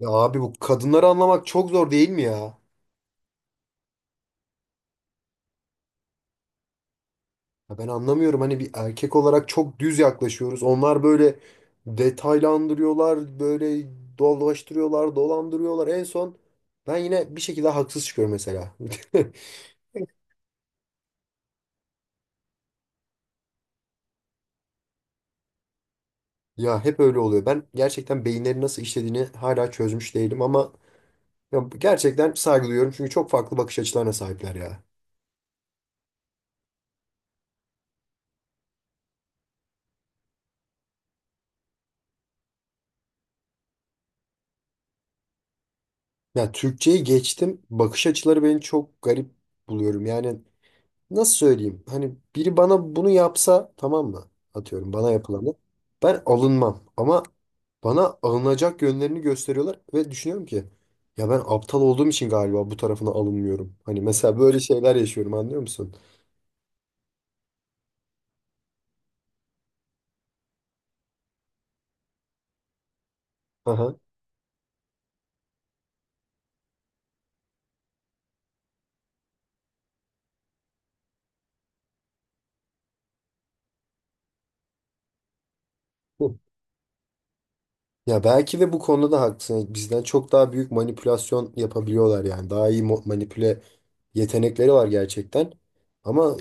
Ya abi bu kadınları anlamak çok zor değil mi ya? Ya ben anlamıyorum hani bir erkek olarak çok düz yaklaşıyoruz. Onlar böyle detaylandırıyorlar, böyle dolaştırıyorlar, dolandırıyorlar. En son ben yine bir şekilde haksız çıkıyorum mesela. Ya hep öyle oluyor. Ben gerçekten beyinleri nasıl işlediğini hala çözmüş değilim ama ya gerçekten saygı duyuyorum çünkü çok farklı bakış açılarına sahipler ya. Ya Türkçeyi geçtim. Bakış açıları beni çok garip buluyorum. Yani nasıl söyleyeyim? Hani biri bana bunu yapsa tamam mı? Atıyorum bana yapılanı. Ben alınmam ama bana alınacak yönlerini gösteriyorlar ve düşünüyorum ki ya ben aptal olduğum için galiba bu tarafına alınmıyorum. Hani mesela böyle şeyler yaşıyorum anlıyor musun? Aha. Hı. Ya belki de bu konuda da haklısın. Hani bizden çok daha büyük manipülasyon yapabiliyorlar yani. Daha iyi manipüle yetenekleri var gerçekten. Ama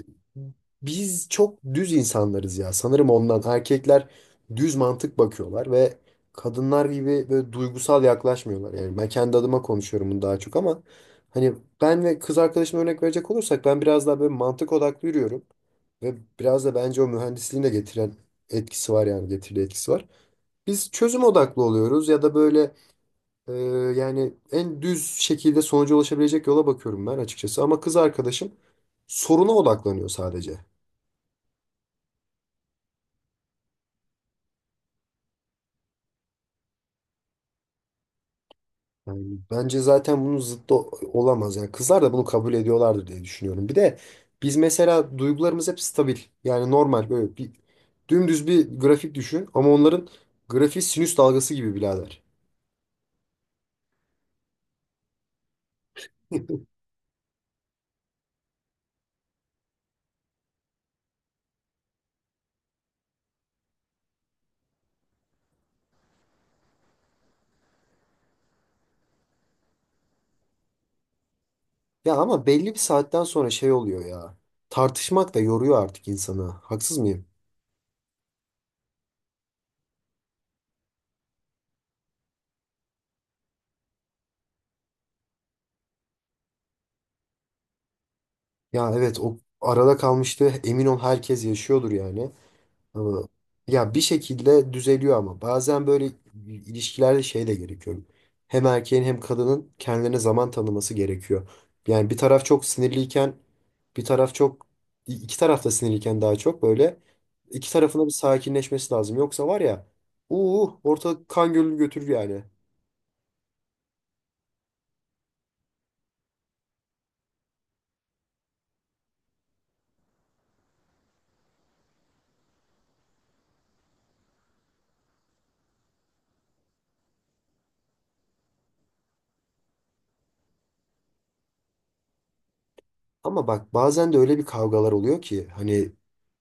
biz çok düz insanlarız ya. Sanırım ondan erkekler düz mantık bakıyorlar ve kadınlar gibi böyle duygusal yaklaşmıyorlar. Yani ben kendi adıma konuşuyorum bunu daha çok ama hani ben ve kız arkadaşıma örnek verecek olursak ben biraz daha böyle mantık odaklı yürüyorum. Ve biraz da bence o mühendisliğin de getiren etkisi var yani getirdiği etkisi var. Biz çözüm odaklı oluyoruz ya da böyle ee, yani en düz şekilde sonuca ulaşabilecek yola bakıyorum ben açıkçası. Ama kız arkadaşım soruna odaklanıyor sadece. Yani bence zaten bunun zıttı olamaz. Yani kızlar da bunu kabul ediyorlardır diye düşünüyorum. Bir de biz mesela duygularımız hep stabil. Yani normal böyle bir dümdüz bir grafik düşün. Ama onların grafiği sinüs dalgası gibi birader. Ya ama belli bir saatten sonra şey oluyor ya. Tartışmak da yoruyor artık insanı. Haksız mıyım? Ya evet, o arada kalmıştı. Emin ol herkes yaşıyordur yani. Ama ya bir şekilde düzeliyor ama bazen böyle ilişkilerde şey de gerekiyor. Hem erkeğin hem kadının kendilerine zaman tanıması gerekiyor. Yani bir taraf çok sinirliyken bir taraf çok iki taraf da sinirliyken daha çok böyle iki tarafında bir sakinleşmesi lazım. Yoksa var ya ortalık kan gölünü götürür yani. Ama bak bazen de öyle bir kavgalar oluyor ki hani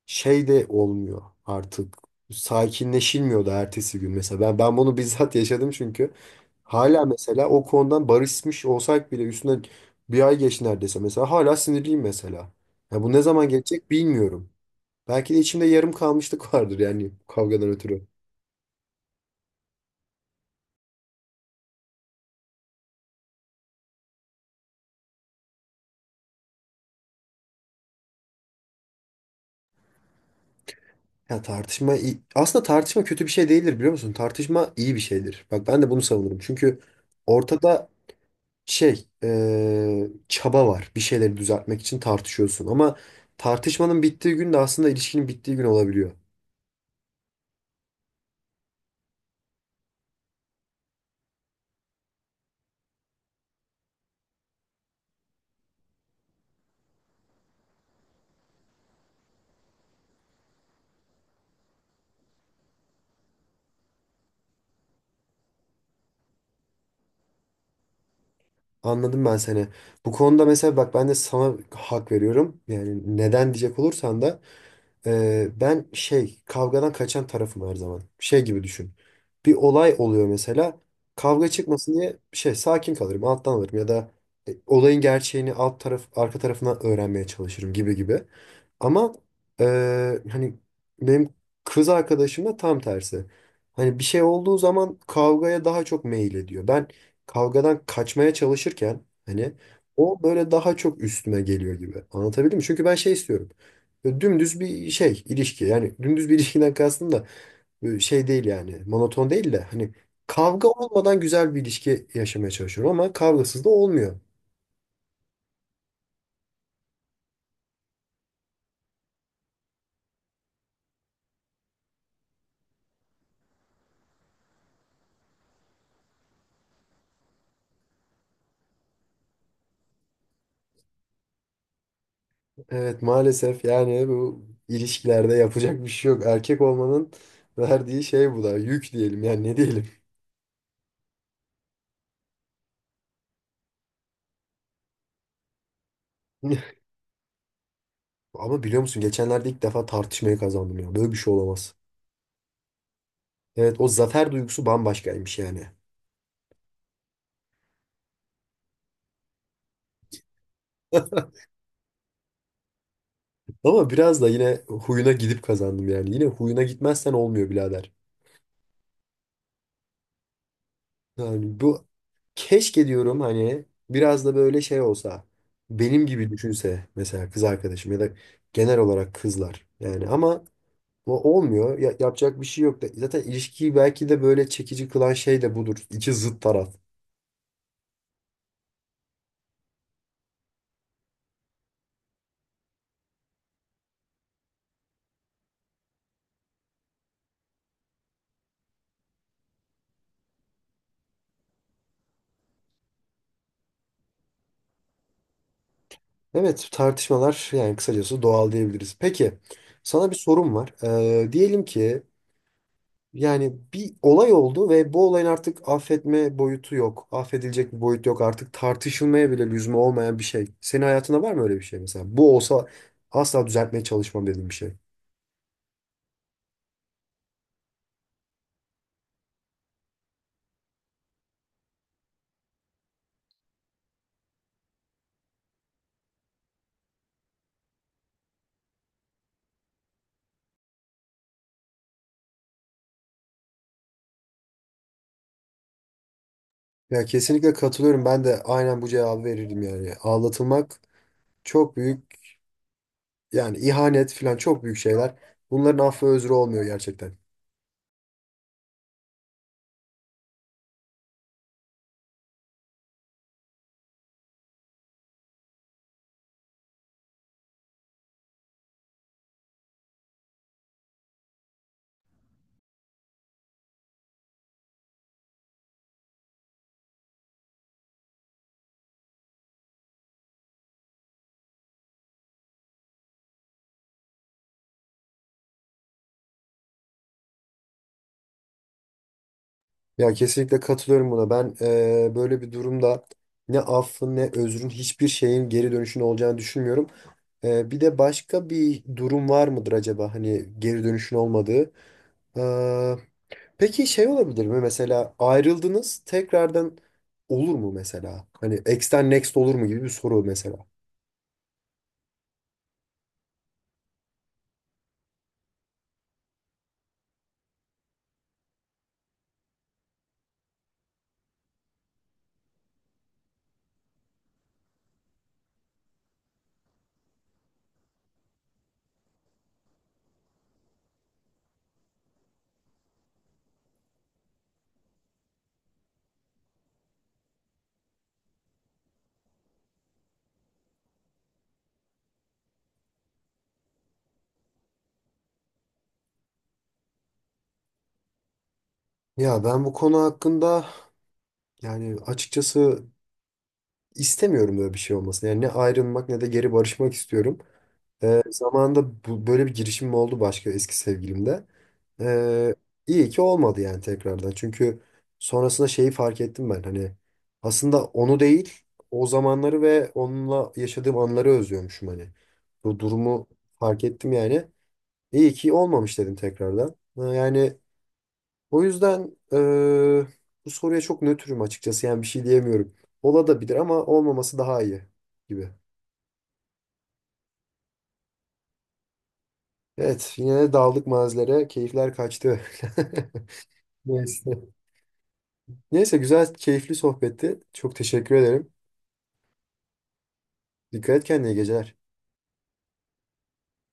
şey de olmuyor artık. Sakinleşilmiyor da ertesi gün mesela. Ben bunu bizzat yaşadım çünkü. Hala mesela o konudan barışmış olsak bile üstünden bir ay geç neredeyse mesela hala sinirliyim mesela. Ya bu ne zaman gelecek bilmiyorum. Belki de içimde yarım kalmışlık vardır yani kavgadan ötürü. Ya aslında tartışma kötü bir şey değildir biliyor musun? Tartışma iyi bir şeydir. Bak ben de bunu savunurum. Çünkü ortada şey çaba var. Bir şeyleri düzeltmek için tartışıyorsun. Ama tartışmanın bittiği gün de aslında ilişkinin bittiği gün olabiliyor. Anladım ben seni. Bu konuda mesela bak ben de sana hak veriyorum. Yani neden diyecek olursan da ben şey kavgadan kaçan tarafım her zaman. Şey gibi düşün. Bir olay oluyor mesela. Kavga çıkmasın diye şey sakin kalırım, alttan alırım ya da olayın gerçeğini alt taraf arka tarafından öğrenmeye çalışırım gibi gibi. Ama hani benim kız arkadaşım da tam tersi. Hani bir şey olduğu zaman kavgaya daha çok meyil ediyor. Ben kavgadan kaçmaya çalışırken hani o böyle daha çok üstüme geliyor gibi. Anlatabildim mi? Çünkü ben şey istiyorum. Böyle dümdüz bir şey ilişki yani dümdüz bir ilişkiden kastım da böyle şey değil yani monoton değil de hani kavga olmadan güzel bir ilişki yaşamaya çalışıyorum ama kavgasız da olmuyor. Evet maalesef yani bu ilişkilerde yapacak bir şey yok. Erkek olmanın verdiği şey bu da yük diyelim yani ne diyelim. Ama biliyor musun geçenlerde ilk defa tartışmayı kazandım ya böyle bir şey olamaz. Evet o zafer duygusu bambaşkaymış yani. Ama biraz da yine huyuna gidip kazandım yani. Yine huyuna gitmezsen olmuyor birader. Yani bu keşke diyorum hani biraz da böyle şey olsa. Benim gibi düşünse mesela kız arkadaşım ya da genel olarak kızlar. Yani ama bu olmuyor. Yapacak bir şey yok da. Zaten ilişkiyi belki de böyle çekici kılan şey de budur. İki zıt taraf. Evet tartışmalar yani kısacası doğal diyebiliriz. Peki sana bir sorum var. Diyelim ki yani bir olay oldu ve bu olayın artık affetme boyutu yok. Affedilecek bir boyut yok. Artık tartışılmaya bile lüzum olmayan bir şey. Senin hayatında var mı öyle bir şey mesela? Bu olsa asla düzeltmeye çalışmam dediğim bir şey. Ya kesinlikle katılıyorum. Ben de aynen bu cevabı verirdim yani. Ağlatılmak çok büyük yani ihanet falan çok büyük şeyler. Bunların affı özrü olmuyor gerçekten. Ya kesinlikle katılıyorum buna. Ben böyle bir durumda ne affın ne özrün hiçbir şeyin geri dönüşünün olacağını düşünmüyorum. Bir de başka bir durum var mıdır acaba hani geri dönüşün olmadığı? Ee, peki şey olabilir mi mesela ayrıldınız tekrardan olur mu mesela? Hani ex'ten next olur mu gibi bir soru mesela. Ya ben bu konu hakkında yani açıkçası istemiyorum böyle bir şey olmasını. Yani ne ayrılmak ne de geri barışmak istiyorum. Zamanında bu, böyle bir girişimim oldu başka eski sevgilimde. Ee, iyi ki olmadı yani tekrardan. Çünkü sonrasında şeyi fark ettim ben. Hani aslında onu değil, o zamanları ve onunla yaşadığım anları özlüyormuşum hani. Bu durumu fark ettim yani. İyi ki olmamış dedim tekrardan. Ha, yani o yüzden bu soruya çok nötrüm açıkçası. Yani bir şey diyemiyorum. Ola da bilir ama olmaması daha iyi gibi. Evet, yine de daldık mazilere. Keyifler kaçtı. Neyse. Neyse güzel, keyifli sohbetti. Çok teşekkür ederim. Dikkat et kendine, iyi geceler.